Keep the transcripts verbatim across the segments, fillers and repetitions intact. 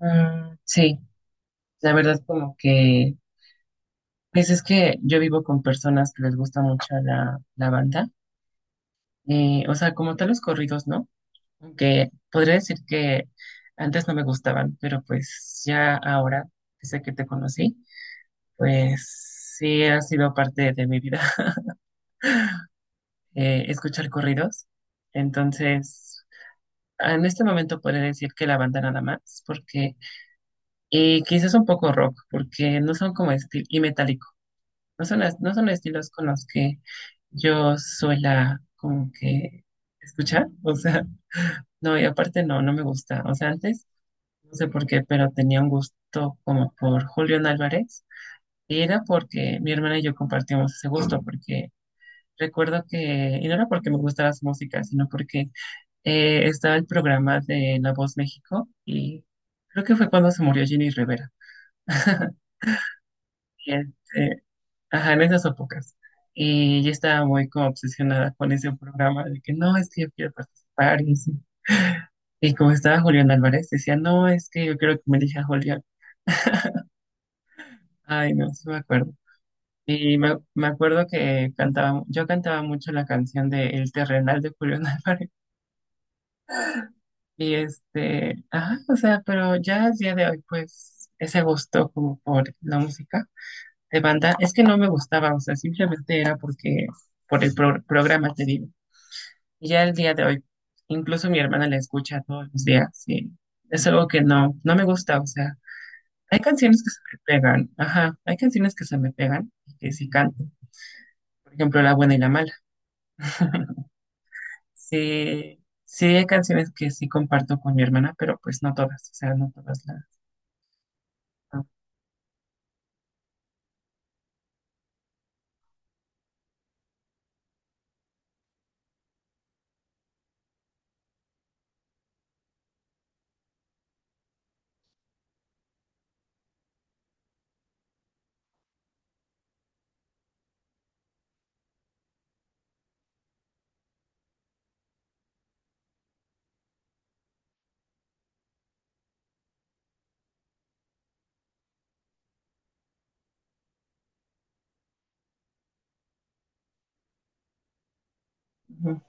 Mm, sí, la verdad como que, pues es que yo vivo con personas que les gusta mucho la, la banda, eh, o sea, como tal los corridos, ¿no? Aunque podría decir que antes no me gustaban, pero pues ya ahora, desde que te conocí, pues sí ha sido parte de mi vida eh, escuchar corridos. Entonces, en este momento podría decir que la banda nada más, porque, y quizás un poco rock, porque no son como estilo, y metálicos. No son, es- no son estilos con los que yo suela como que escuchar, o sea, no, y aparte no, no me gusta, o sea, antes, no sé por qué, pero tenía un gusto como por Julián Álvarez, y era porque mi hermana y yo compartíamos ese gusto, porque recuerdo que, y no era porque me gustara su música, sino porque eh, estaba el programa de La Voz México, y creo que fue cuando se murió Jenny Rivera. Y este, ajá, en esas épocas. Y yo estaba muy como obsesionada con ese programa de que no, es que yo quiero participar y así. Y como estaba Julián Álvarez, decía, no, es que yo quiero que me elija Julián. Ay, no, sí me acuerdo. Y me, me acuerdo que cantaba, yo cantaba mucho la canción de El Terrenal de Julián Álvarez. Y este, ajá, o sea, pero ya al día de hoy, pues, ese gusto como por la música de banda, es que no me gustaba, o sea, simplemente era porque, por el pro- programa, te digo. Y ya el día de hoy, incluso mi hermana la escucha todos los días y es algo que no, no me gusta, o sea, hay canciones que se me pegan, ajá, hay canciones que se me pegan y que sí canto, por ejemplo, La buena y la mala. Sí, sí hay canciones que sí comparto con mi hermana, pero pues no todas, o sea, no todas las. No. Ujú.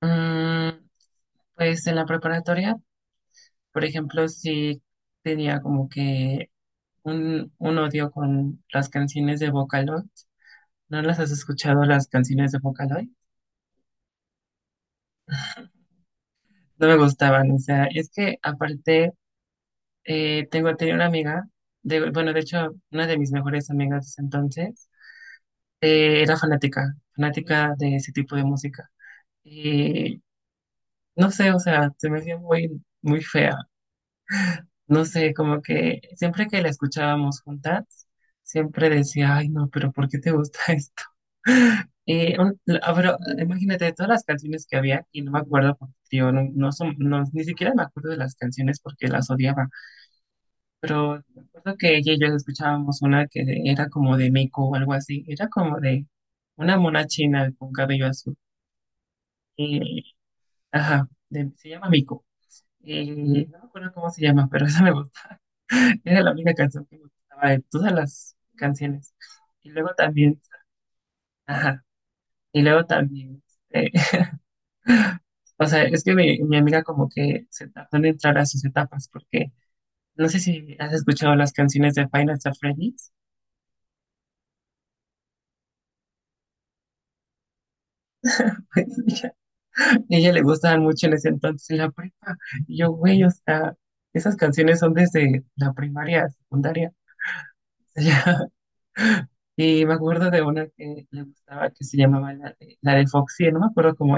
Mm, pues en la preparatoria, por ejemplo, sí tenía como que un, un odio con las canciones de Vocaloid. ¿No las has escuchado las canciones de Vocaloid? No me gustaban, o sea, es que aparte eh, tengo tenía una amiga, de, bueno, de hecho, una de mis mejores amigas de ese entonces, eh, era fanática, fanática de ese tipo de música. Y no sé, o sea, se me hacía muy, muy fea. No sé, como que siempre que la escuchábamos juntas, siempre decía, ay, no, pero ¿por qué te gusta esto? Eh, un- ah, pero imagínate de todas las canciones que había y no me acuerdo porque tío, no, no, son- no- ni siquiera me acuerdo de las canciones porque las odiaba, pero me acuerdo que ella y yo escuchábamos una que era como de Meiko o algo así, era como de una mona china con cabello azul, eh, ajá, de- se llama Miko. Eh, no me acuerdo cómo se llama, pero esa me gusta, era la única canción que me gustaba de todas las canciones, y luego también, ajá, y luego también. Este, o sea, es que mi, mi amiga como que se tardó en entrar a sus etapas porque no sé si has escuchado las canciones de Five Nights at Freddy's. Ella, Ella le gustaban mucho en ese entonces en la prepa. Y yo, güey, o sea, esas canciones son desde la primaria, secundaria. O sea, y me acuerdo de una que le gustaba que se llamaba la de, la de Foxy, no me acuerdo cómo.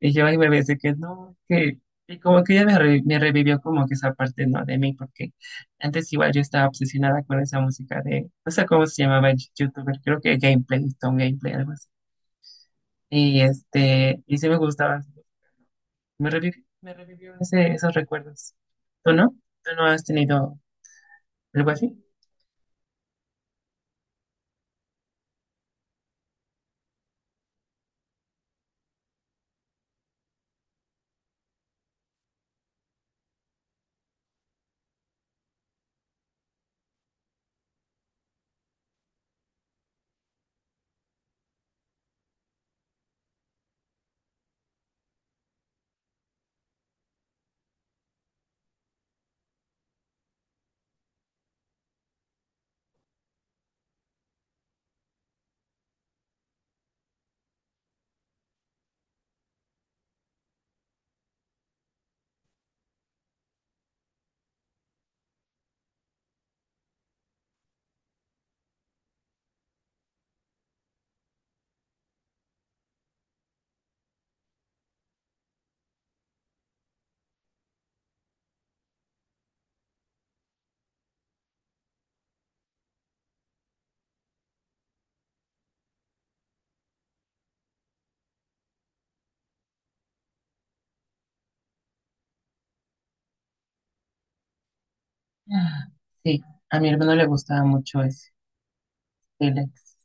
Y yo ahí me ves que no, que... Y como que ella me, re- me revivió como que esa parte, ¿no? De mí, porque antes igual yo estaba obsesionada con esa música de, no sé cómo se llamaba el youtuber, creo que Gameplay, Stone Gameplay, algo así. Y este, y sí me gustaba. Me revivió, me revivió ese, esos recuerdos. ¿Tú no? ¿Tú no has tenido algo así? Ah, sí, a mi hermano le gustaba mucho ese, Felix.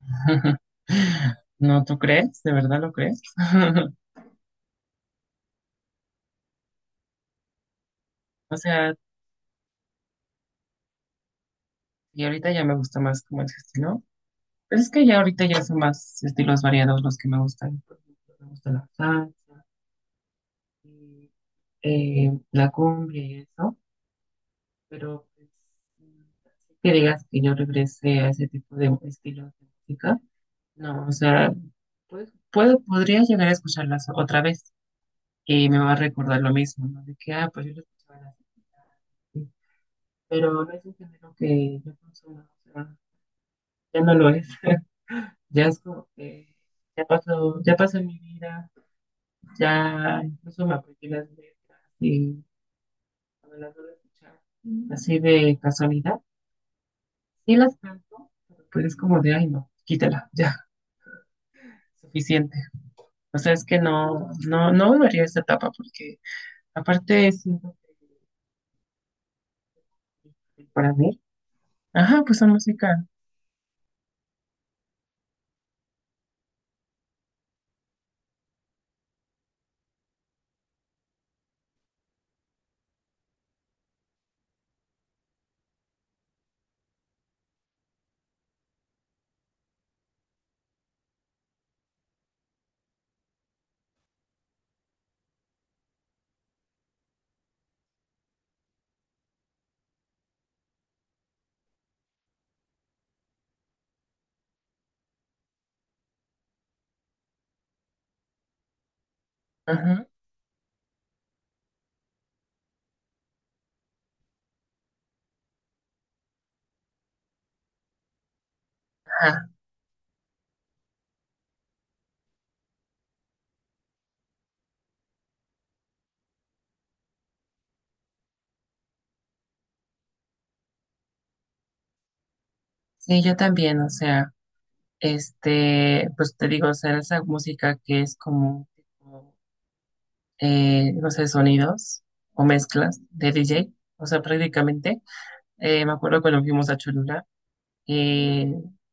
No, ¿tú crees? ¿De verdad lo crees? O sea, y ahorita ya me gusta más como ese estilo. Pero es que ya ahorita ya son más estilos variados los que me gustan. Por ejemplo, me gusta la salsa, y, eh, la cumbia y eso. Pero pues, así que digas que yo regrese a ese tipo de estilos de música. No, o sea, pues, puedo, podría llegar a escucharlas otra vez y me va a recordar lo mismo, ¿no? De que, ah, pues yo lo escuchaba en la secundaria, sí, pero no es un género que yo consumo, o sea, ya no lo es. Ya es como que ya pasó, ya pasó mi vida, ya incluso me aprendí las letras y cuando las vuelvo a escuchar. Mm. Así de casualidad. Sí las canto, pero pues es como de, ay no, quítala, ya, suficiente. O sea, es que no, no, no volvería a esa etapa porque aparte siento que para mí, ajá, pues son música, ajá, ajá. Sí, yo también, o sea, este, pues te digo, o sea, esa música que es como... tipo eh, no sé, sonidos o mezclas de D J. O sea, prácticamente, eh, me acuerdo cuando fuimos a Cholula y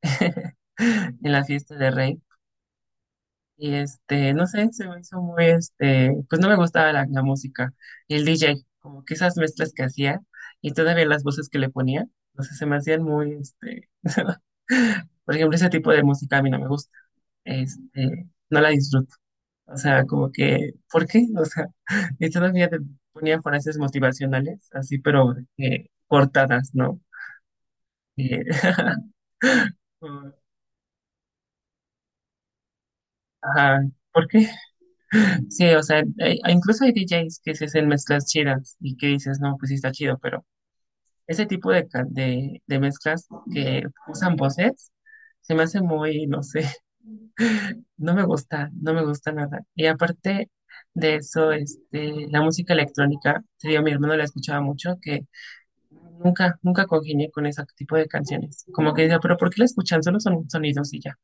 en la fiesta de Rey. Y este, no sé, se me hizo muy, este, pues no me gustaba la, la música. Y el D J, como que esas mezclas que hacía y todavía las voces que le ponía, no sé, se me hacían muy, este, por ejemplo, ese tipo de música a mí no me gusta. Este, no la disfruto. O sea, como que, ¿por qué? O sea, y todavía te ponía frases motivacionales, así, pero eh, cortadas, ¿no? Eh, Como, ajá, ¿por qué? Sí, o sea, hay- hay- incluso hay D Js que se hacen mezclas chidas y que dices, no, pues sí está chido, pero ese tipo de, ca- de, de mezclas que usan voces se me hace muy, no sé, no me gusta, no me gusta nada. Y aparte de eso, este, la música electrónica, te digo, mi hermano la escuchaba mucho. Nunca, nunca congenié con ese tipo de canciones. Como que decía, pero ¿por qué la escuchan? Solo son sonidos y ya.